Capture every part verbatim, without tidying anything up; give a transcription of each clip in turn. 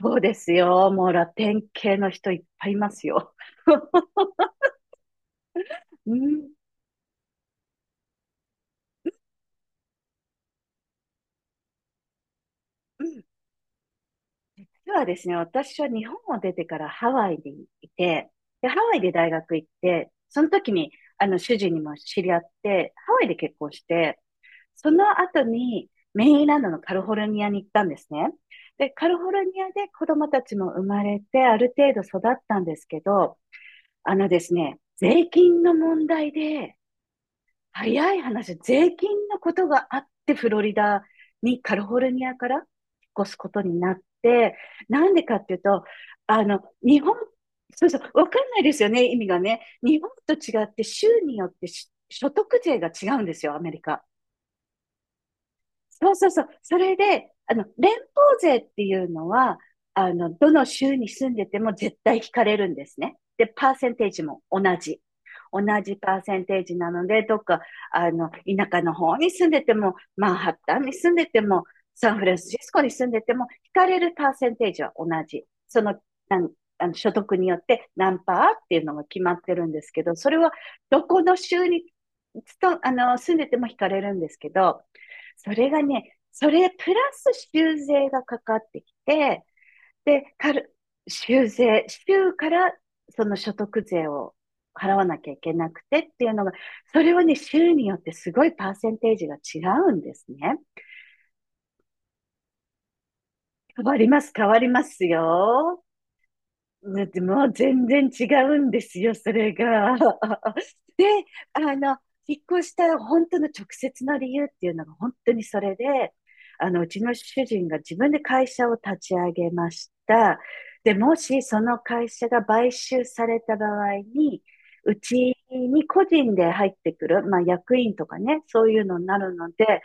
そうですよ。もうラテン系の人いっぱいいますよ。うん、うん。ではですね、私は日本を出てからハワイにいて、で、ハワイで大学行って、その時に、あの、主人にも知り合って、ハワイで結婚して、その後にメインランドのカリフォルニアに行ったんですね。で、カリフォルニアで子供たちも生まれて、ある程度育ったんですけど、あのですね、税金の問題で、早い話、税金のことがあって、フロリダに、カリフォルニアから引っ越すことになって、なんでかっていうと、あの、日本、そうそう、わかんないですよね、意味がね。日本と違って、州によってし所得税が違うんですよ、アメリカ。そうそうそう。それで、あの、連邦税っていうのは、あの、どの州に住んでても絶対引かれるんですね。で、パーセンテージも同じ。同じパーセンテージなので、どっか、あの、田舎の方に住んでても、マンハッタンに住んでても、サンフランシスコに住んでても、引かれるパーセンテージは同じ。その、なんあの所得によって何パーっていうのが決まってるんですけど、それはどこの州につとあの住んでても引かれるんですけど、それがね、それプラス修税がかかってきて、で、かる、修税、州からその所得税を払わなきゃいけなくてっていうのが、それはね、州によってすごいパーセンテージが違うんですね。変わります、変わりますよ。だってもう全然違うんですよ、それが。で、あの、引っ越した本当の直接の理由っていうのが本当にそれで、あの、うちの主人が自分で会社を立ち上げました。で、もしその会社が買収された場合に、うちに個人で入ってくる、まあ役員とかね、そういうのになるので、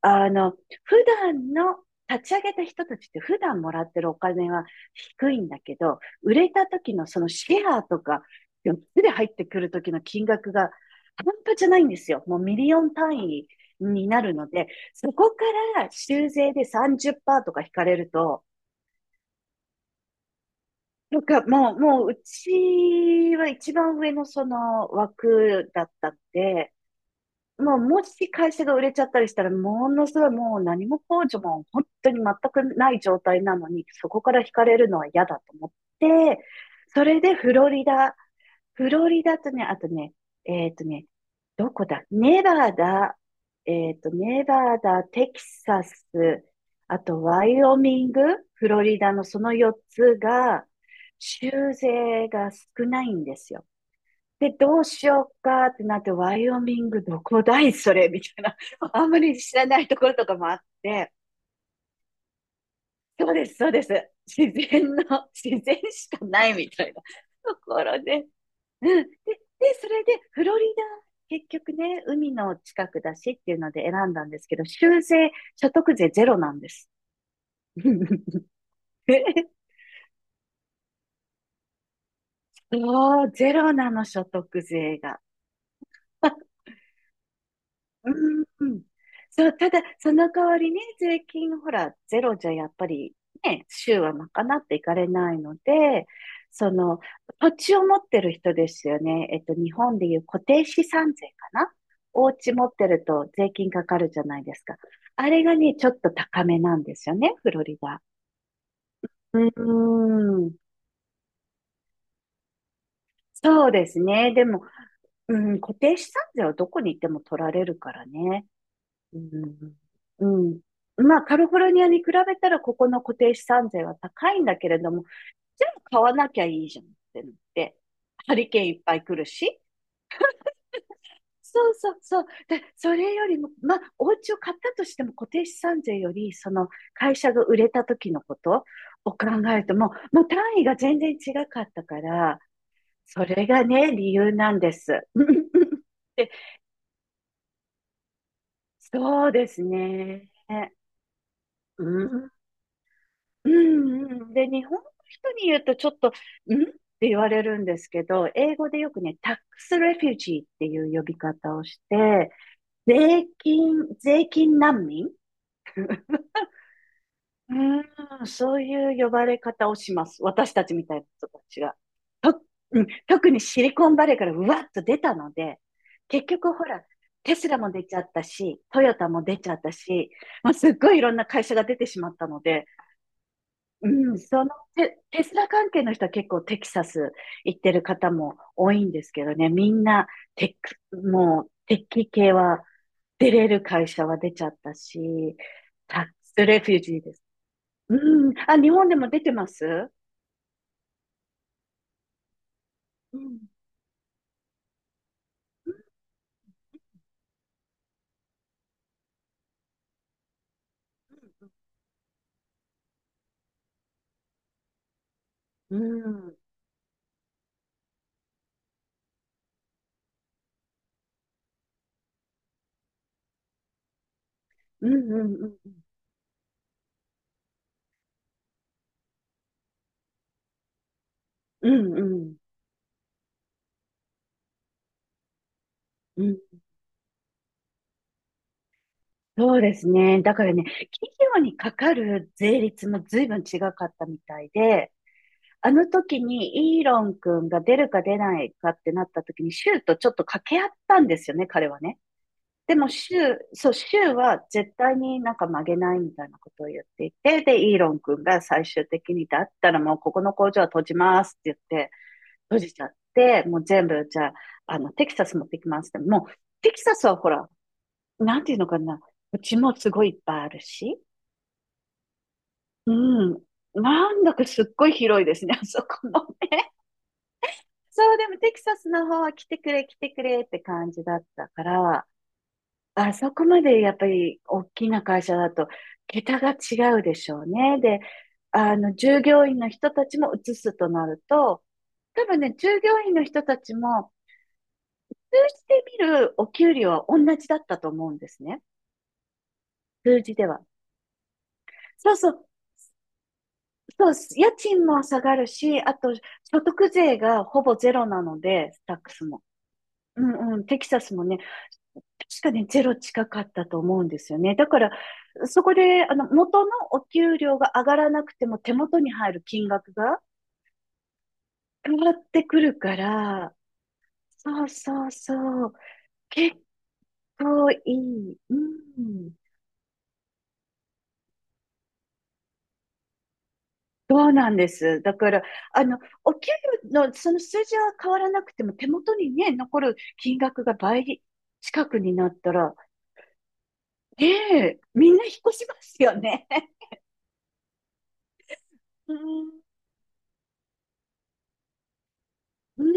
あの、普段の立ち上げた人たちって普段もらってるお金は低いんだけど、売れた時のそのシェアとか、よっつで入ってくる時の金額が半端じゃないんですよ。もうミリオン単位になるので、そこから修税でさんじゅっパーセントとか引かれると、なんかもう、もううちは一番上のその枠だったんで、もうもし会社が売れちゃったりしたら、ものすごいもう何も控除も本当に全くない状態なのに、そこから引かれるのは嫌だと思って、それでフロリダ、フロリダとね、あとね、えっとね、どこだネバダ、えっと、ネバダ、テキサス、あとワイオミング、フロリダのそのよっつが、州税が少ないんですよ。で、どうしようかってなって、ワイオミングどこだいそれみたいな。あんまり知らないところとかもあって、そうです、そうです。自然の、自然しかないみたいな ところで。うん。で、で、それで、フロリダ、結局ね、海の近くだしっていうので選んだんですけど、州税、所得税ゼロなんです。えあゼロなの、所得税が。うん、そう、ただ、その代わりね、税金、ほら、ゼロじゃやっぱりね、州は賄っていかれないので、その、土地を持ってる人ですよね。えっと、日本でいう固定資産税かな、お家持ってると税金かかるじゃないですか。あれがね、ちょっと高めなんですよね、フロリダ。うん。そうですね。でも、うん、固定資産税はどこに行っても取られるからね。うん。うん、まあ、カリフォルニアに比べたら、ここの固定資産税は高いんだけれども、じゃあ買わなきゃいいじゃんってなって、ハリケーンいっぱい来るし、そうそうそう。で、それよりも、まあ、お家を買ったとしても固定資産税より、その会社が売れた時のことを考えてももう単位が全然違かったから、それがね、理由なんです。で、そうですね。うん、うん、うん。で、日本の人に言うとちょっと、んって言われるんですけど、英語でよくね、タックスレフュージーっていう呼び方をして、税金、税金難民うん、そういう呼ばれ方をします。私たちみたいな人たちが。と、うん、特にシリコンバレーからうわっと出たので、結局ほら、テスラも出ちゃったし、トヨタも出ちゃったし、まあ、すっごいいろんな会社が出てしまったので、うん、そのテ、テスラ関係の人は結構テキサス行ってる方も多いんですけどね、みんなテック、もうテッキ系は出れる会社は出ちゃったし、タックスレフュージーです。うん、あ、日本でも出てます。うん、うん、うん、うん、うん、うん、うん、うん、うん。そうですね。だからね、企業にかかる税率も随分違かったみたいで、あの時にイーロン君が出るか出ないかってなった時に、シューとちょっと掛け合ったんですよね、彼はね。でも、シュー、そう、シューは絶対になんか曲げないみたいなことを言っていて、で、イーロン君が最終的に、だったらもうここの工場は閉じますって言って、閉じちゃって、もう全部、じゃあ、あの、テキサス持ってきますって。もう、テキサスはほら、なんていうのかな、うちもすごいいっぱいあるし、うん、なんだかすっごい広いですね、あそこもね。そう、でもテキサスの方は来てくれ、来てくれって感じだったから、あそこまでやっぱり大きな会社だと、桁が違うでしょうね。で、あの、従業員の人たちも移すとなると、多分ね、従業員の人たちも、数字で見るお給料は同じだったと思うんですね。数字では。そうそう、そう、家賃も下がるし、あと、所得税がほぼゼロなので、スタックスも。うん、うん、テキサスもね、確かね、ゼロ近かったと思うんですよね。だから、そこで、あの、元のお給料が上がらなくても手元に入る金額が変わってくるから、そうそうそう、結構いい。うん。そうなんです。だから、あの、お給料のその数字は変わらなくても手元にね、残る金額が倍近くになったら、ねえ、みんな引っ越しますよね。うん。うん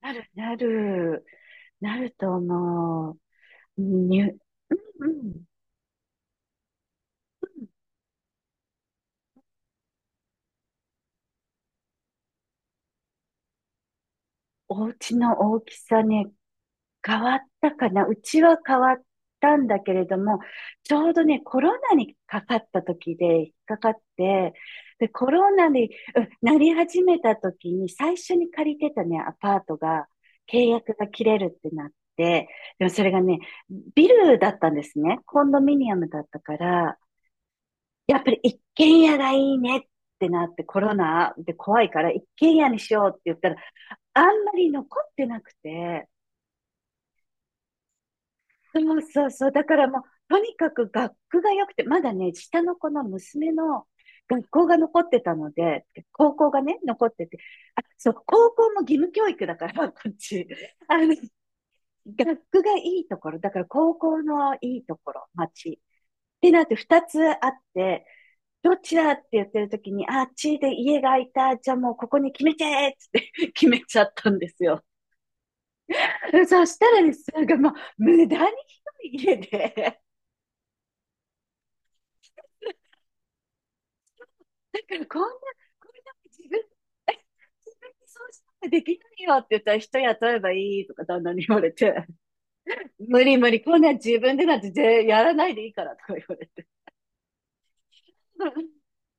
なる、なる、なると思う。に、うん、お家の大きさね、変わったかな。うちは変わったんだけれども、ちょうどね、コロナにかかった時で、引っかかって、で、コロナに、うんなり始めた時に、最初に借りてたね、アパートが、契約が切れるってなって、でもそれがね、ビルだったんですね。コンドミニアムだったから、やっぱり一軒家がいいねってなって、コロナで怖いから一軒家にしようって言ったら、あんまり残ってなくて、そうそうそう、だからもう、とにかく学区が良くて、まだね、下の子の娘の学校が残ってたので、高校がね、残ってて、あ、そう、高校も義務教育だから、こっち。あの、学区がいいところ、だから高校のいいところ、町。ってなって二つあって、どっちだって言ってる時に、あっちで家が空いた。じゃあもうここに決めてーっつって 決めちゃったんですよ。そしたらですね、なんかもう無駄に広い家で、だからこんな、こんな自分、自分にそうしたらできないよって言ったら人雇えばいいとか旦那に言われて、無理無理、こんな自分でなんてやらないでいいからとか言われて。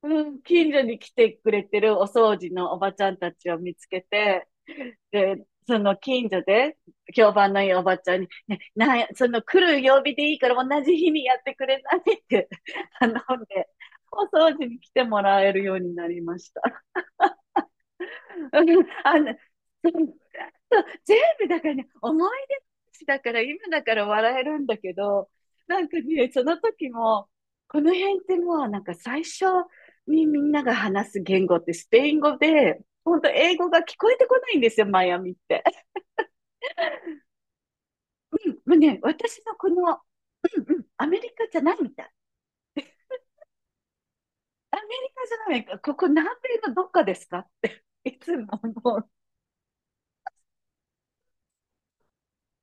うん、近所に来てくれてるお掃除のおばちゃんたちを見つけて、で、その近所で評判のいいおばちゃんに、ね、なんや、その来る曜日でいいから同じ日にやってくれないって 頼んで、お掃除に来てもらえるようになりました。あの、そう、全部だからね、思い出話だから、今だから笑えるんだけど、なんかね、その時も、この辺ってもうなんか最初にみんなが話す言語ってスペイン語で、本当英語が聞こえてこないんですよ、マイアミって。もうね、私のこの、うん、うん、アメリカじゃないみたい。アメリカじゃない、ここ南米のどっかですかっていつももう